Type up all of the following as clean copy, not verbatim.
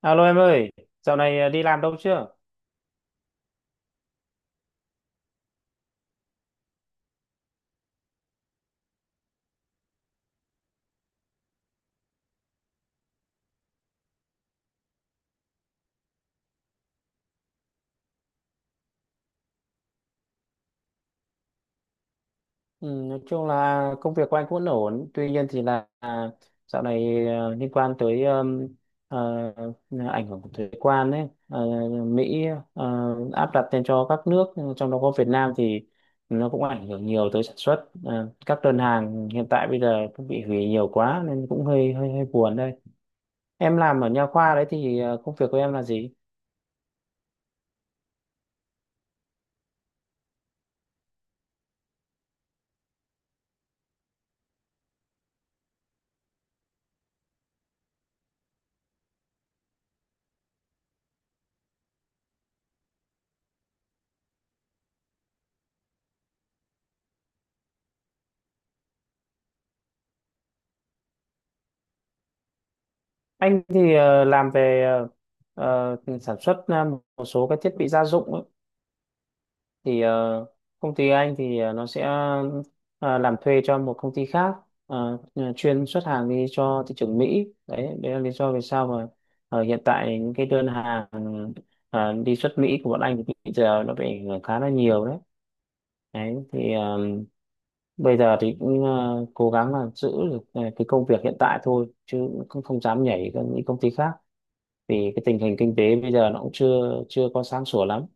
Alo em ơi, dạo này đi làm đâu chưa? Ừ, nói chung là công việc của anh cũng vẫn ổn, tuy nhiên thì là dạo này liên quan tới à, ảnh hưởng của thuế quan ấy, à, Mỹ à, áp đặt lên cho các nước, trong đó có Việt Nam thì nó cũng ảnh hưởng nhiều tới sản xuất. À, các đơn hàng hiện tại bây giờ cũng bị hủy nhiều quá nên cũng hơi hơi hơi buồn đây. Em làm ở nha khoa đấy thì công việc của em là gì? Anh thì làm về sản xuất một số các thiết bị gia dụng ấy. Thì công ty anh thì nó sẽ làm thuê cho một công ty khác ờ, chuyên xuất hàng đi cho thị trường Mỹ. Đấy, đấy là lý do vì sao mà hiện tại những cái đơn hàng đi xuất Mỹ của bọn anh thì bây giờ nó bị ảnh hưởng khá là nhiều đấy. Đấy, thì bây giờ thì cũng cố gắng là giữ được cái công việc hiện tại thôi chứ cũng không dám nhảy sang những công ty khác. Vì cái tình hình kinh tế bây giờ nó cũng chưa chưa có sáng sủa lắm.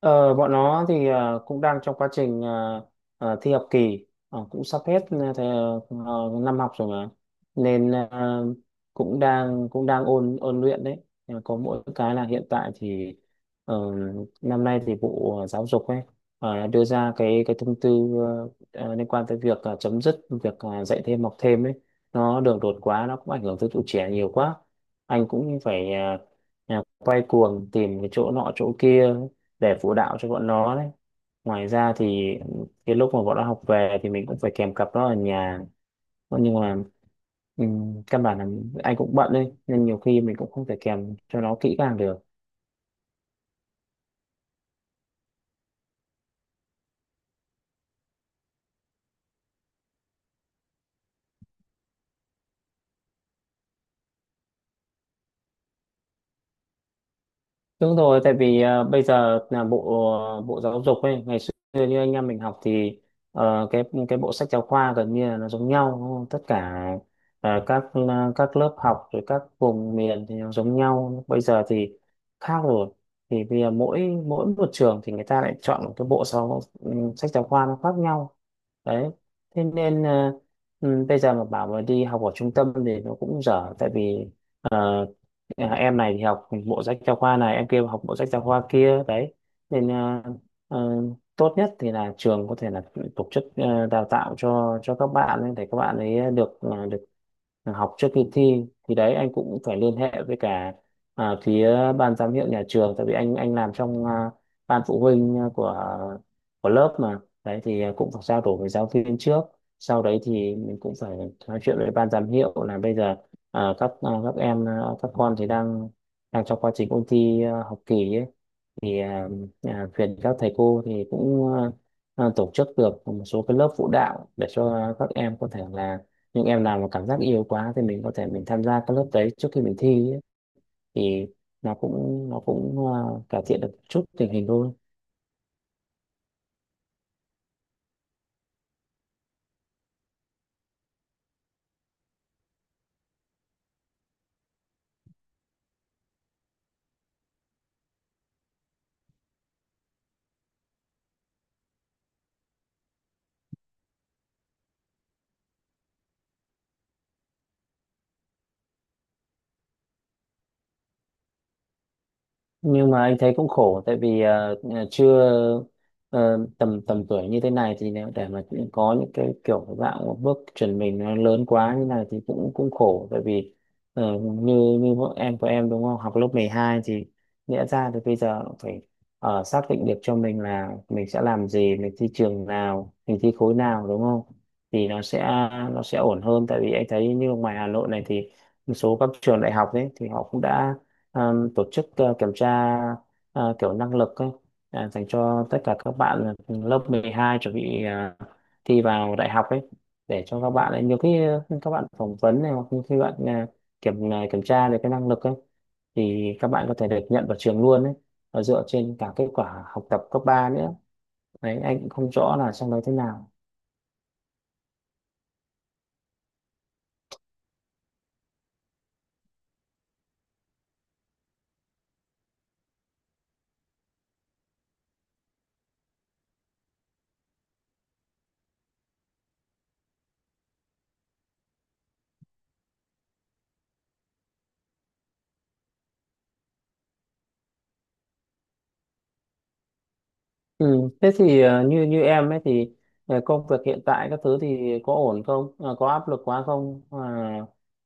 Ờ, Bọn nó thì cũng đang trong quá trình thi học kỳ. Cũng sắp hết năm học rồi mà nên cũng đang ôn ôn luyện đấy. Nhưng mà có mỗi cái là hiện tại thì ờ, năm nay thì Bộ Giáo dục ấy đưa ra cái thông tư liên quan tới việc chấm dứt việc dạy thêm học thêm ấy, nó đường đột quá nó cũng ảnh hưởng tới tụi trẻ nhiều quá. Anh cũng phải quay cuồng tìm cái chỗ nọ chỗ kia để phụ đạo cho bọn nó đấy. Ngoài ra thì cái lúc mà bọn nó học về thì mình cũng phải kèm cặp nó ở nhà. Thế nhưng mà căn bản là anh cũng bận đấy nên nhiều khi mình cũng không thể kèm cho nó kỹ càng được. Đúng rồi, tại vì bây giờ là bộ bộ giáo dục ấy, ngày xưa như anh em mình học thì cái bộ sách giáo khoa gần như là nó giống nhau, đúng không? Tất cả các lớp học rồi các vùng miền thì nó giống nhau. Bây giờ thì khác rồi. Thì bây giờ mỗi mỗi một trường thì người ta lại chọn một cái bộ sách giáo khoa nó khác nhau. Đấy. Thế nên bây giờ mà bảo mà đi học ở trung tâm thì nó cũng dở tại vì ờ, À, em này thì học bộ sách giáo khoa này em kia học bộ sách giáo khoa kia đấy nên ờ, tốt nhất thì là trường có thể là tổ chức đào tạo cho các bạn ấy, để các bạn ấy được được học trước khi thi. Thì đấy anh cũng phải liên hệ với cả phía ban giám hiệu nhà trường tại vì anh làm trong ban phụ huynh của lớp mà đấy, thì cũng phải trao đổi với giáo viên trước, sau đấy thì mình cũng phải nói chuyện với ban giám hiệu là bây giờ các con thì đang đang trong quá trình ôn thi học kỳ ấy. Thì viện các thầy cô thì cũng tổ chức được một số cái lớp phụ đạo để cho các em có thể là những em nào mà cảm giác yêu quá thì mình có thể mình tham gia các lớp đấy trước khi mình thi ấy. Thì nó cũng cải thiện được chút tình hình thôi. Nhưng mà anh thấy cũng khổ tại vì ờ, ờ, chưa ờ, tầm tầm tuổi như thế này thì nếu để mà có những cái kiểu dạng bước chuẩn mình nó lớn quá như này thì cũng cũng khổ tại vì như như vợ em của em đúng không học lớp 12 thì nghĩa ra thì bây giờ cũng phải xác định được cho mình là mình sẽ làm gì mình thi trường nào mình thi khối nào đúng không thì nó sẽ ổn hơn tại vì anh thấy như ngoài Hà Nội này thì một số các trường đại học đấy thì họ cũng đã tổ chức kiểm tra kiểu năng lực ấy, dành cho tất cả các bạn lớp 12 chuẩn bị thi vào đại học ấy để cho các bạn ấy nhiều khi các bạn phỏng vấn này hoặc như khi bạn kiểm tra được cái năng lực ấy thì các bạn có thể được nhận vào trường luôn ấy và dựa trên cả kết quả học tập cấp 3 nữa. Đấy, anh cũng không rõ là trong đấy thế nào. Ừ. Thế thì như như em ấy thì công việc hiện tại các thứ thì có ổn không? Ờ, có áp lực quá không?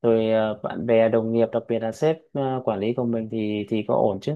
Rồi bạn bè đồng nghiệp đặc biệt là sếp quản lý của mình thì có ổn chứ?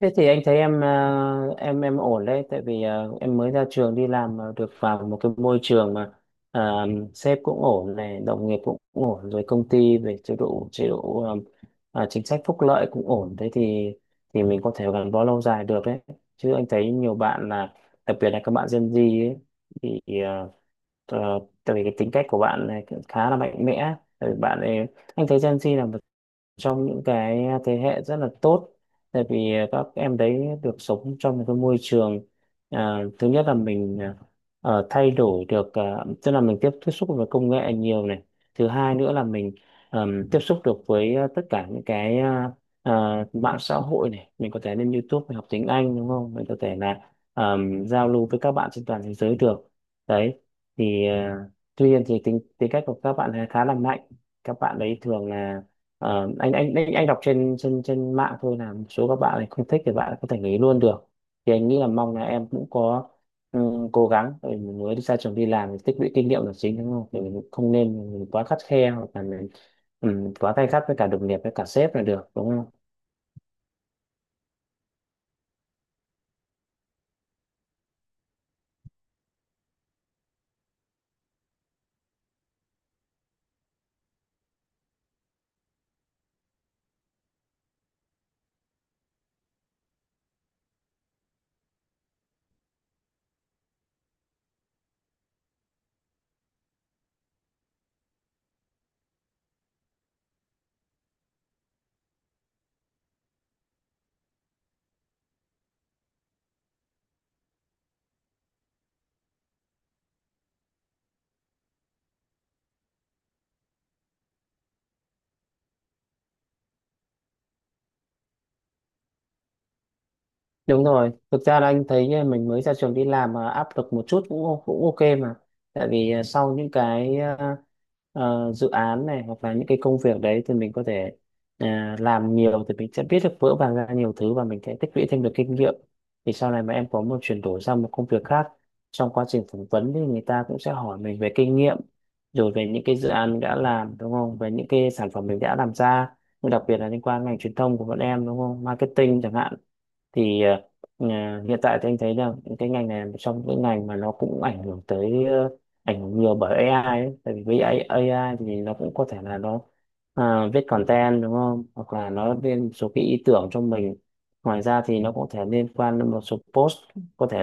Thế thì anh thấy em em ổn đấy, tại vì em mới ra trường đi làm mà được vào một cái môi trường mà ờ, sếp cũng ổn này, đồng nghiệp cũng ổn, rồi công ty về chế độ chính sách phúc lợi cũng ổn, thế thì mình có thể gắn bó lâu dài được đấy. Chứ anh thấy nhiều bạn là đặc biệt là các bạn Gen Z ấy, thì tại vì cái tính cách của bạn này cũng khá là mạnh mẽ, tại vì bạn ấy anh thấy Gen Z là một trong những cái thế hệ rất là tốt tại vì các em đấy được sống trong một cái môi trường, thứ nhất là mình thay đổi được, tức là mình tiếp tiếp xúc với công nghệ nhiều này, thứ hai nữa là mình tiếp xúc được với tất cả những cái mạng xã hội này, mình có thể lên YouTube mình học tiếng Anh đúng không, mình có thể là giao lưu với các bạn trên toàn thế giới được đấy. Thì tuy nhiên thì tính tính cách của các bạn ấy khá là mạnh, các bạn đấy thường là anh đọc trên trên trên mạng thôi là một số các bạn này không thích thì bạn có thể nghỉ luôn được. Thì anh nghĩ là mong là em cũng có ừ, cố gắng tại vì mình mới đi ra trường đi làm thì tích lũy kinh nghiệm là chính đúng không, thì mình không nên mình quá khắt khe hoặc là mình quá tay khắt với cả đồng nghiệp với cả sếp là được đúng không. Đúng rồi, thực ra là anh thấy mình mới ra trường đi làm mà áp lực một chút cũng cũng ok mà. Tại vì sau những cái dự án này hoặc là những cái công việc đấy thì mình có thể ờ, làm nhiều thì mình sẽ biết được vỡ vàng ra nhiều thứ và mình sẽ tích lũy thêm được kinh nghiệm. Thì sau này mà em có một chuyển đổi sang một công việc khác, trong quá trình phỏng vấn thì người ta cũng sẽ hỏi mình về kinh nghiệm rồi về những cái dự án mình đã làm đúng không? Về những cái sản phẩm mình đã làm ra. Nhưng đặc biệt là liên quan ngành truyền thông của bọn em đúng không? Marketing chẳng hạn thì hiện tại thì anh thấy là cái ngành này là một trong những ngành mà nó cũng ảnh hưởng tới ảnh hưởng nhiều bởi AI ấy. Tại vì với AI thì nó cũng có thể là nó viết content đúng không, hoặc là nó lên một số cái ý tưởng cho mình, ngoài ra thì nó cũng có thể liên quan đến một số post, có thể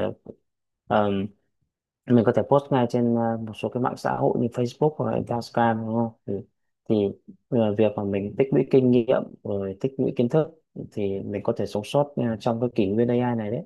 mình có thể post ngay trên một số cái mạng xã hội như Facebook hoặc là Instagram đúng không, thì việc mà mình tích lũy kinh nghiệm rồi tích lũy kiến thức thì mình có thể sống sót trong cái kỷ nguyên AI này đấy.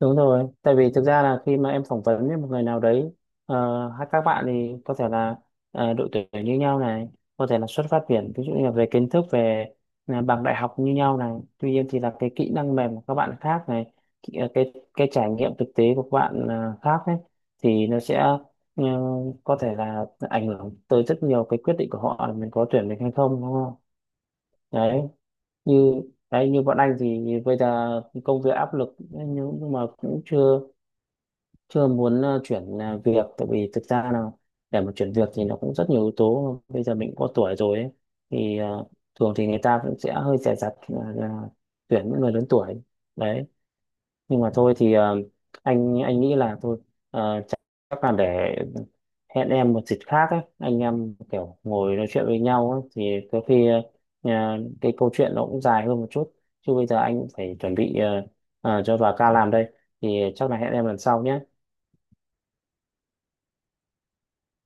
Đúng rồi, tại vì thực ra là khi mà em phỏng vấn với một người nào đấy, hay các bạn thì có thể là độ tuổi như nhau này, có thể là xuất phát điểm, ví dụ như là về kiến thức, về bằng đại học như nhau này, tuy nhiên thì là cái kỹ năng mềm của các bạn khác này, cái trải nghiệm thực tế của các bạn khác ấy, thì nó sẽ ờ, có thể là ảnh hưởng tới rất nhiều cái quyết định của họ là mình có tuyển mình hay không, đúng không? Đấy, như đấy như bọn anh thì bây giờ công việc áp lực nhưng mà cũng chưa chưa muốn chuyển việc tại vì thực ra là để mà chuyển việc thì nó cũng rất nhiều yếu tố bây giờ mình có tuổi rồi ấy. Thì thường thì người ta cũng sẽ hơi dè dặt là tuyển những người lớn tuổi đấy. Nhưng mà thôi thì anh nghĩ là thôi chắc chắc là để hẹn em một dịp khác ấy, anh em kiểu ngồi nói chuyện với nhau ấy, thì có khi ờ, cái câu chuyện nó cũng dài hơn một chút, chứ bây giờ anh cũng phải chuẩn bị cho bà ca làm đây, thì chắc là hẹn em lần sau nhé.